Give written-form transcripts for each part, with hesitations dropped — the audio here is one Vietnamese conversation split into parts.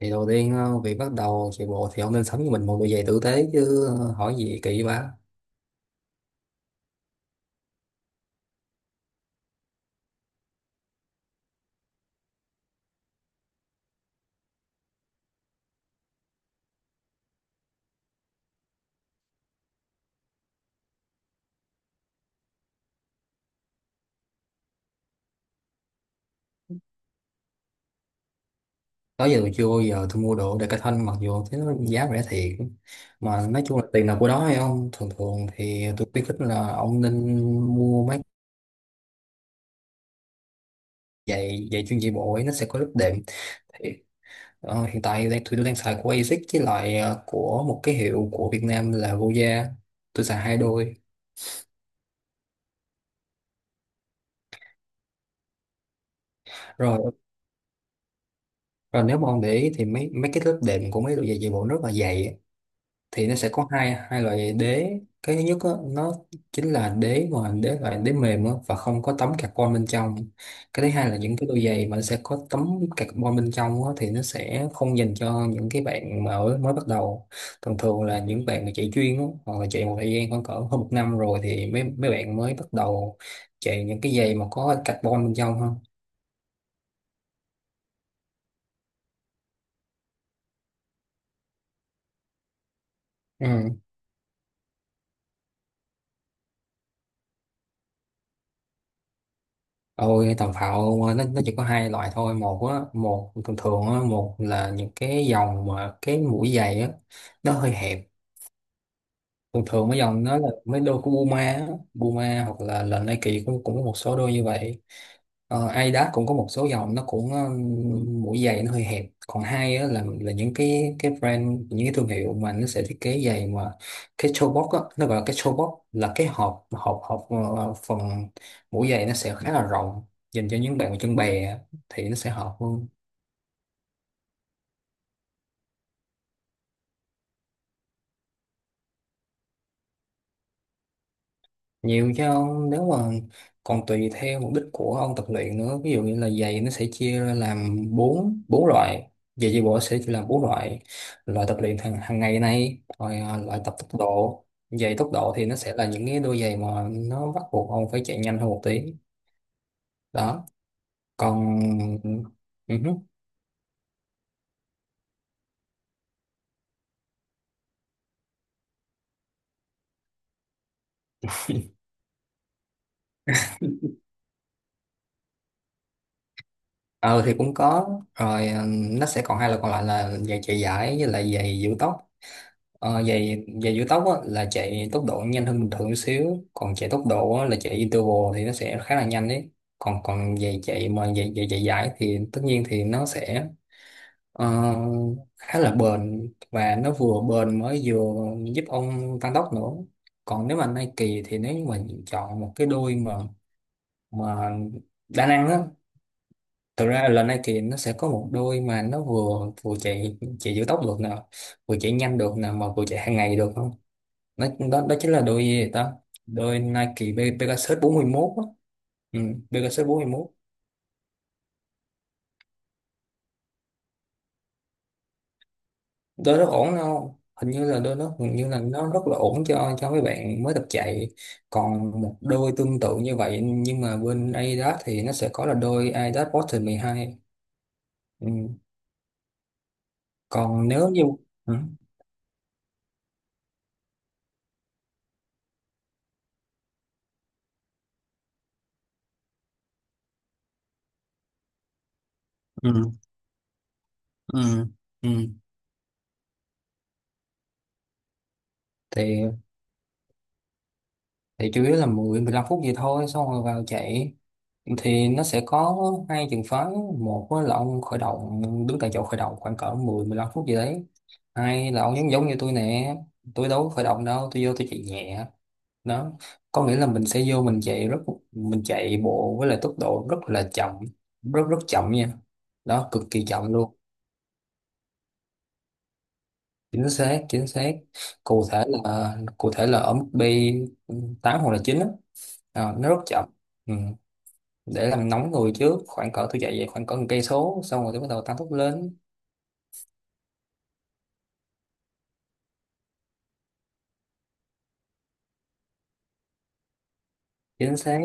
Thì đầu tiên việc bắt đầu chạy bộ thì ông nên sắm cho mình một đôi giày tử tế chứ, hỏi gì kỳ quá. Đó giờ tôi chưa bao giờ tôi mua đồ Decathlon, mặc dù thế nó giá rẻ thiệt. Mà nói chung là tiền nào của đó hay không, thường thường thì tôi khuyến khích là ông nên mua mấy giày giày chuyên chạy bộ ấy, nó sẽ có lớp đệm. Thì, hiện tại tôi đang xài của ASICS với lại của một cái hiệu của Việt Nam là Voya. Tôi xài hai đôi rồi. Rồi nếu mà ông để ý thì mấy mấy cái lớp đệm của mấy đôi giày chạy bộ rất là dày. Thì nó sẽ có hai hai loại đế. Cái thứ nhất á, nó chính là đế mà đế loại đế mềm á, và không có tấm carbon bên trong. Cái thứ hai là những cái đôi giày mà nó sẽ có tấm carbon bên trong á, thì nó sẽ không dành cho những cái bạn mà ở mới bắt đầu. Thường thường là những bạn mà chạy chuyên á, hoặc là chạy một thời gian khoảng cỡ hơn một năm rồi thì mấy mấy bạn mới bắt đầu chạy những cái giày mà có carbon bên trong ha. Ừ. Ôi tàu phạo mà nó chỉ có hai loại thôi, một á, một thường thường á, một là những cái dòng mà cái mũi giày á nó hơi hẹp. Thường thường mấy dòng nó là mấy đôi của Puma á, Puma hoặc là Nike cũng cũng có một số đôi như vậy. Adidas cũng có một số dòng nó cũng mũi giày nó hơi hẹp. Còn hai á, là những cái brand, những cái thương hiệu mà nó sẽ thiết kế giày mà cái toe box á, nó gọi là cái toe box là cái hộp hộp hộp phần mũi giày nó sẽ khá là rộng, dành cho những bạn mà chân bè á, thì nó sẽ hợp hơn. Nhiều chứ ông, nếu mà còn tùy theo mục đích của ông tập luyện nữa. Ví dụ như là giày nó sẽ chia ra làm bốn bốn loại, giày chạy bộ sẽ chia làm bốn loại. Loại tập luyện hàng hàng ngày này, rồi loại tập tốc độ. Giày tốc độ thì nó sẽ là những cái đôi giày mà nó bắt buộc ông phải chạy nhanh hơn một tí. Đó, còn ừ hứ. Ờ thì cũng có rồi, nó sẽ còn hai loại còn lại là giày chạy giải với lại giày giữ tóc. Giày giày giữ tóc á, là chạy tốc độ nhanh hơn bình thường xíu. Còn chạy tốc độ á, là chạy interval thì nó sẽ khá là nhanh đấy. Còn còn giày chạy mà giày giày chạy dài thì tất nhiên thì nó sẽ ờ, khá là bền, và nó vừa bền mới vừa giúp ông tăng tốc nữa. Còn nếu mà Nike, thì nếu như mà chọn một cái đôi mà đa năng á, thực ra là Nike nó sẽ có một đôi mà nó vừa vừa chạy chạy giữ tốc được nè, vừa chạy nhanh được nè, mà vừa chạy hàng ngày được. Đó, chính là đôi gì vậy ta, đôi Nike Pegasus 41 á. Ừ, Pegasus 41, đôi rất ổn không, hình như là đôi nó, hình như là nó rất là ổn cho mấy bạn mới tập chạy. Còn một đôi tương tự như vậy nhưng mà bên Adidas thì nó sẽ có là đôi Adidas Boston 12. Ừ. Còn nếu như... Ừ. Ừ. Ừ. Ừ. thì thì chủ yếu là mười, mười lăm phút gì thôi xong rồi vào chạy. Thì nó sẽ có hai trường phái. Một á là ông khởi động, đứng tại chỗ khởi động khoảng cỡ mười, mười lăm phút gì đấy. Hai là ông giống giống như tôi nè, tôi đâu có khởi động đâu, tôi vô tôi chạy nhẹ. Đó, có nghĩa là mình sẽ vô mình chạy rất... mình chạy bộ với lại tốc độ rất là chậm, rất rất chậm nha. Đó, cực kỳ chậm luôn. Chính xác, chính xác. Cụ thể là ở mức B 8 hoặc là 9 á. Ờ, nó rất chậm. Ừ. Để làm nóng người trước, khoảng cỡ tôi chạy về khoảng cỡ một cây số xong rồi tôi bắt đầu tăng tốc lên. Chính xác,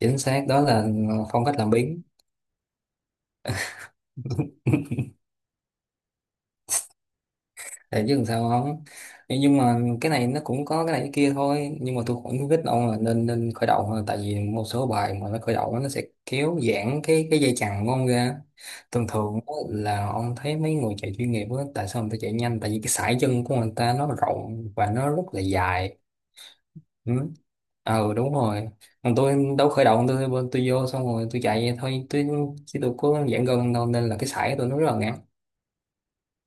chính xác, đó là phong cách làm biếng. Để chứ làm sao không, nhưng mà cái này nó cũng có cái này cái kia thôi, nhưng mà tôi cũng khuyến khích ông là nên nên khởi động thôi. Tại vì một số bài mà nó khởi động á, nó sẽ kéo giãn cái dây chằng của ông ra. Thường thường á, là ông thấy mấy người chạy chuyên nghiệp á, tại sao người ta chạy nhanh? Tại vì cái sải chân của người ta nó rộng và nó rất là dài. Ừ. Ờ, đúng rồi. Còn tôi đâu khởi động, tôi vô xong rồi tôi chạy vậy thôi, tôi chứ tôi có giãn gân đâu, nên là cái sải của tôi nó rất là ngắn.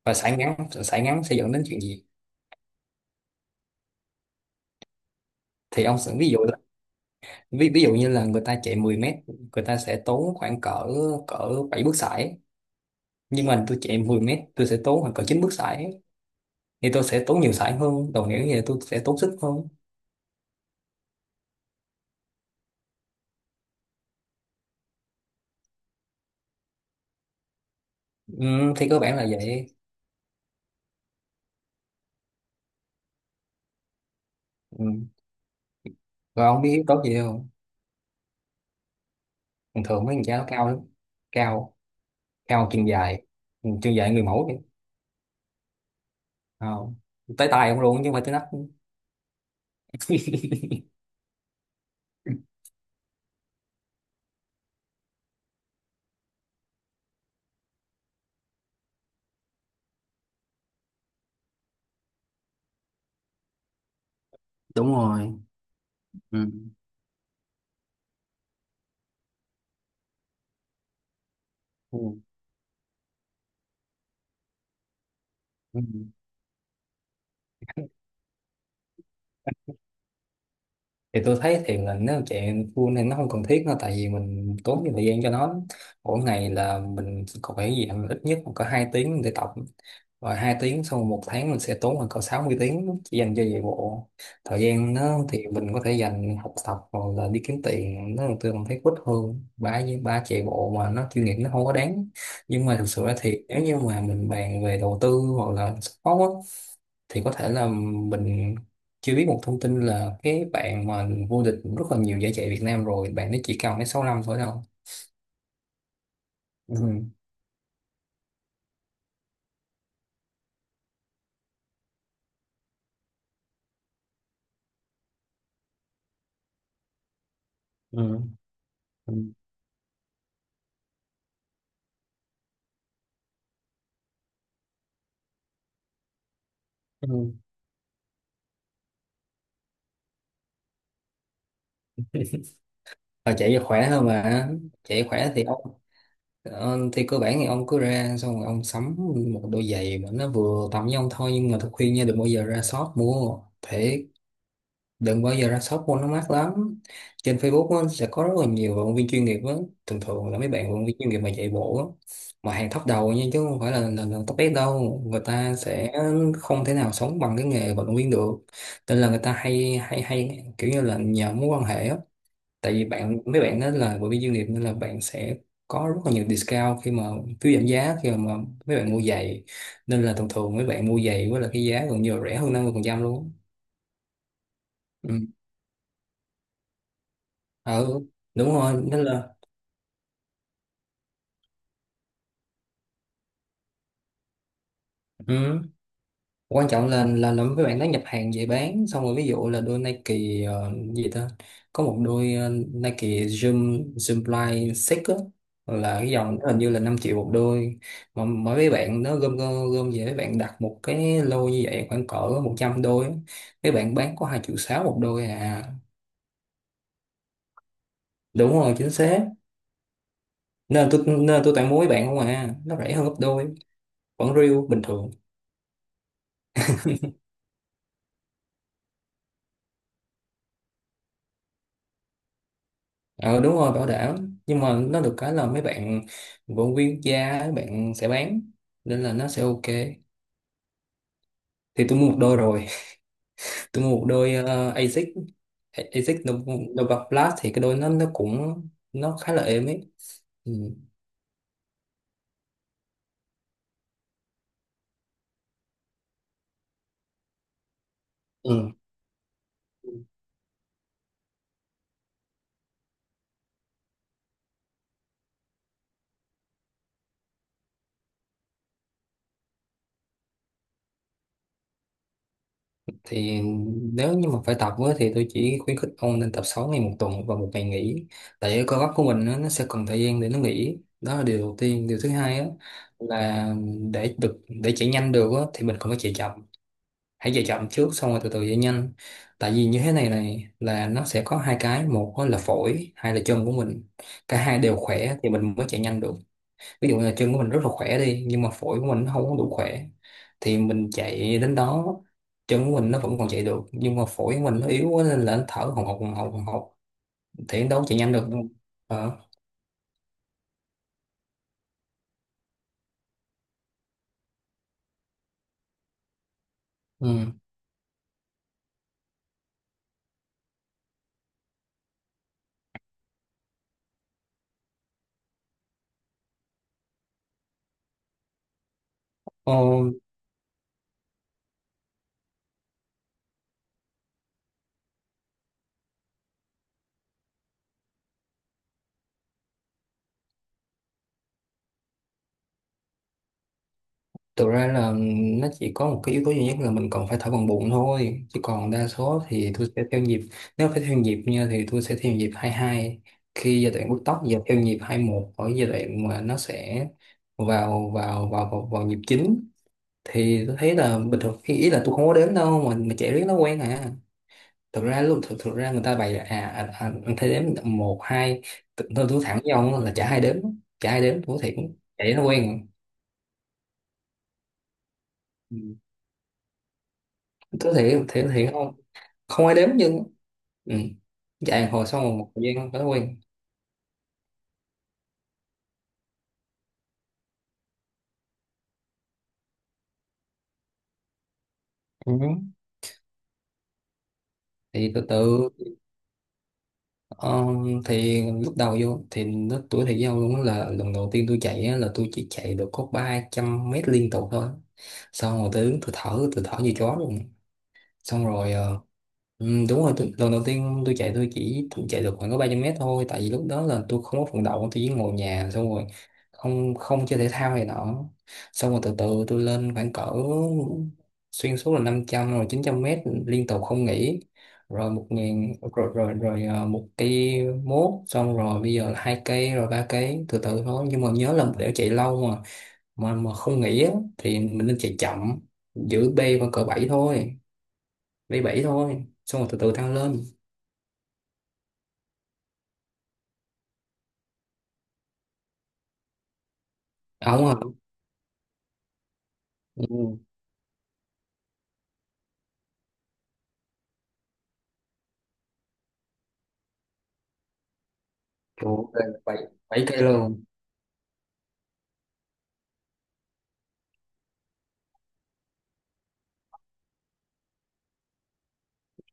Và sải ngắn, sải ngắn sẽ dẫn đến chuyện gì? Thì ông sẽ... ví dụ như là người ta chạy 10 mét, người ta sẽ tốn khoảng cỡ cỡ 7 bước sải. Nhưng mà tôi chạy 10 mét, tôi sẽ tốn khoảng cỡ 9 bước sải. Thì tôi sẽ tốn nhiều sải hơn, đồng nghĩa như là tôi sẽ tốn sức hơn. Ừ, thì cơ bản là vậy. Ừ. Rồi ông biết tốt gì không, thường thường mấy thằng cha nó cao lắm. Cao, cao chân dài. Ừ, chân dài người mẫu đi. à, Tới tay ông luôn chứ không phải tới nách. Đúng rồi. Ừ. Thì tôi thấy thì là nếu chạy full thì nó không cần thiết nữa, tại vì mình tốn nhiều thời gian cho nó. Mỗi ngày là mình còn phải gì ít nhất còn có 2 tiếng để tập. Rồi 2 tiếng, xong rồi một tháng mình sẽ tốn khoảng cỡ 60 tiếng chỉ dành cho chạy bộ. Thời gian nó thì mình có thể dành học tập hoặc là đi kiếm tiền, nó tôi còn thấy quýt hơn. Ba với ba chạy bộ mà nó chuyên nghiệp nó không có đáng. Nhưng mà thực sự ra thì nếu như mà mình bàn về đầu tư hoặc là sport á, thì có thể là mình chưa biết một thông tin là cái bạn mà vô địch rất là nhiều giải chạy Việt Nam rồi, bạn ấy chỉ cần mấy 6 năm thôi đâu. Ừ. Ừ. Ừ. Ừ. Ờ, chạy cho khỏe hơn mà. Chạy khỏe thì ok. Thì cơ bản thì ông cứ ra, xong rồi ông sắm một đôi giày mà nó vừa tầm với ông thôi. Nhưng mà tôi khuyên nha, đừng bao giờ ra shop mua thế, đừng bao giờ ra shop mua, nó mắc lắm. Trên Facebook á, sẽ có rất là nhiều vận động viên chuyên nghiệp á, thường thường là mấy bạn vận động viên chuyên nghiệp mà chạy bộ á, mà hàng top đầu nha, chứ không phải là top S đâu. Người ta sẽ không thể nào sống bằng cái nghề vận động viên được, nên là người ta hay hay hay kiểu như là nhờ mối quan hệ á, tại vì mấy bạn đó là bởi vì doanh nghiệp, nên là bạn sẽ có rất là nhiều discount khi mà... phiếu giảm giá khi mà mấy bạn mua giày, nên là thường thường mấy bạn mua giày với là cái giá gần như là rẻ hơn 50% luôn. Ừ. Ừ, đúng rồi, nên là... Ừ. Quan trọng là làm với bạn đó nhập hàng về bán, xong rồi ví dụ là đôi Nike, gì ta, có một đôi Nike Zoom Zoom Fly 6 á, là cái dòng đó hình như là 5 triệu một đôi. Mà mỗi mấy bạn nó gom gom gom về, mấy bạn đặt một cái lô như vậy khoảng cỡ 100 đôi á, mấy bạn bán có 2,6 triệu một đôi à. Đúng rồi, chính xác. Nên tôi tặng mua mấy bạn không à, nó rẻ hơn gấp đôi, vẫn riêu bình thường. Ờ Đúng rồi, bảo đảm, nhưng mà nó được cái là mấy bạn vận viên quốc gia ấy, bạn sẽ bán, nên là nó sẽ ok. Thì tôi mua một đôi rồi. Tôi mua một đôi ASIC, ASIC Nova Nova Plus, thì cái đôi nó cũng, nó khá là êm ấy. Ừ. Ừ. Thì nếu như mà phải tập á, thì tôi chỉ khuyến khích ông nên tập 6 ngày một tuần và một ngày nghỉ. Tại cái cơ bắp của mình á, nó sẽ cần thời gian để nó nghỉ, đó là điều đầu tiên. Điều thứ hai á, là để chạy nhanh được á, thì mình còn phải chạy chậm. Hãy chạy chậm trước xong rồi từ từ chạy nhanh. Tại vì như thế này này, là nó sẽ có hai cái, một á là phổi, hai là chân của mình. Cả hai đều khỏe thì mình mới chạy nhanh được. Ví dụ như là chân của mình rất là khỏe đi, nhưng mà phổi của mình nó không có đủ khỏe, thì mình chạy đến đó, chân của mình nó vẫn còn chạy được nhưng mà phổi của mình nó yếu quá, nên là nó thở hồng hộc hồng hộc hồng hộc, thì đến đâu chạy nhanh được. Ờ. Ừ. Ờ, thực ra là nó chỉ có một cái yếu tố duy nhất là mình còn phải thổi bằng bụng thôi, chứ còn đa số thì tôi sẽ theo nhịp. Nếu phải theo nhịp nha, thì tôi sẽ theo nhịp 22 khi giai đoạn bứt tốc, và theo nhịp 21 ở giai đoạn mà nó sẽ vào vào vào vào, vào nhịp chính. Thì tôi thấy là bình thường, khi ý là tôi không có đếm đâu, mà chạy riết nó quen à. Thực ra lúc... thực ra người ta bày là anh thấy đếm một hai. Tôi thẳng với ông là chả ai đếm, chả ai đếm tôi thiệt, chạy nó quen à. Ừ. Tôi thiệt, thiệt thiệt không, không ai đếm nhưng... Ừ. Dạy hồi sau một thời gian thói quen. Ừ. Thì từ từ. ờ, thì lúc đầu vô thì nó tuổi thầy giao luôn á. Là lần đầu tiên tôi chạy á, là tôi chỉ chạy được có 300 mét liên tục thôi, xong rồi tôi đứng tôi thở như chó luôn. Xong rồi ừ, đúng rồi, tôi, lần đầu tiên tôi chạy tôi chỉ chạy được khoảng có 300 mét thôi, tại vì lúc đó là tôi không có vận động, tôi chỉ ngồi nhà xong rồi không không chơi thể thao này nọ. Xong rồi từ từ tôi lên khoảng cỡ, xuyên suốt là 500 rồi 900 mét liên tục không nghỉ, rồi 1.000 rồi rồi rồi một cây mốt, xong rồi bây giờ là hai cây rồi ba cây, từ từ thôi. Nhưng mà nhớ là để chạy lâu mà mà không nghỉ á, thì mình nên chạy chậm, giữ B vào cỡ 7 thôi, b bảy thôi, xong rồi từ từ tăng lên. Ông hả? Ừ. Ủa, bảy, 7 cây luôn.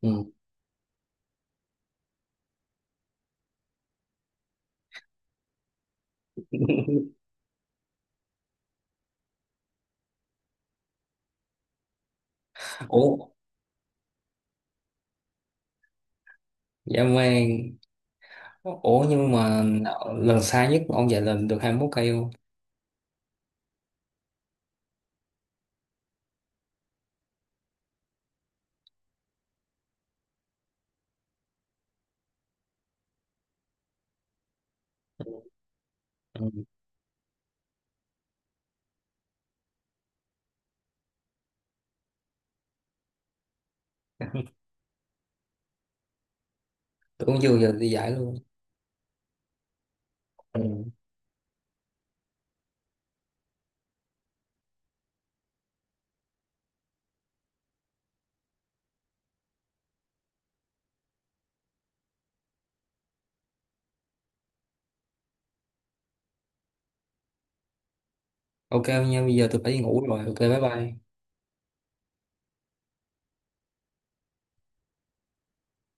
Ừ. Ủa, dạ mang. Ủa nhưng mà lần xa nhất ông giải lần được 21 cây không? Ừ. Tưởng chưa giờ đi giải luôn. Ừ. Ok nha, bây giờ tôi phải đi ngủ rồi. Ok, bye bye.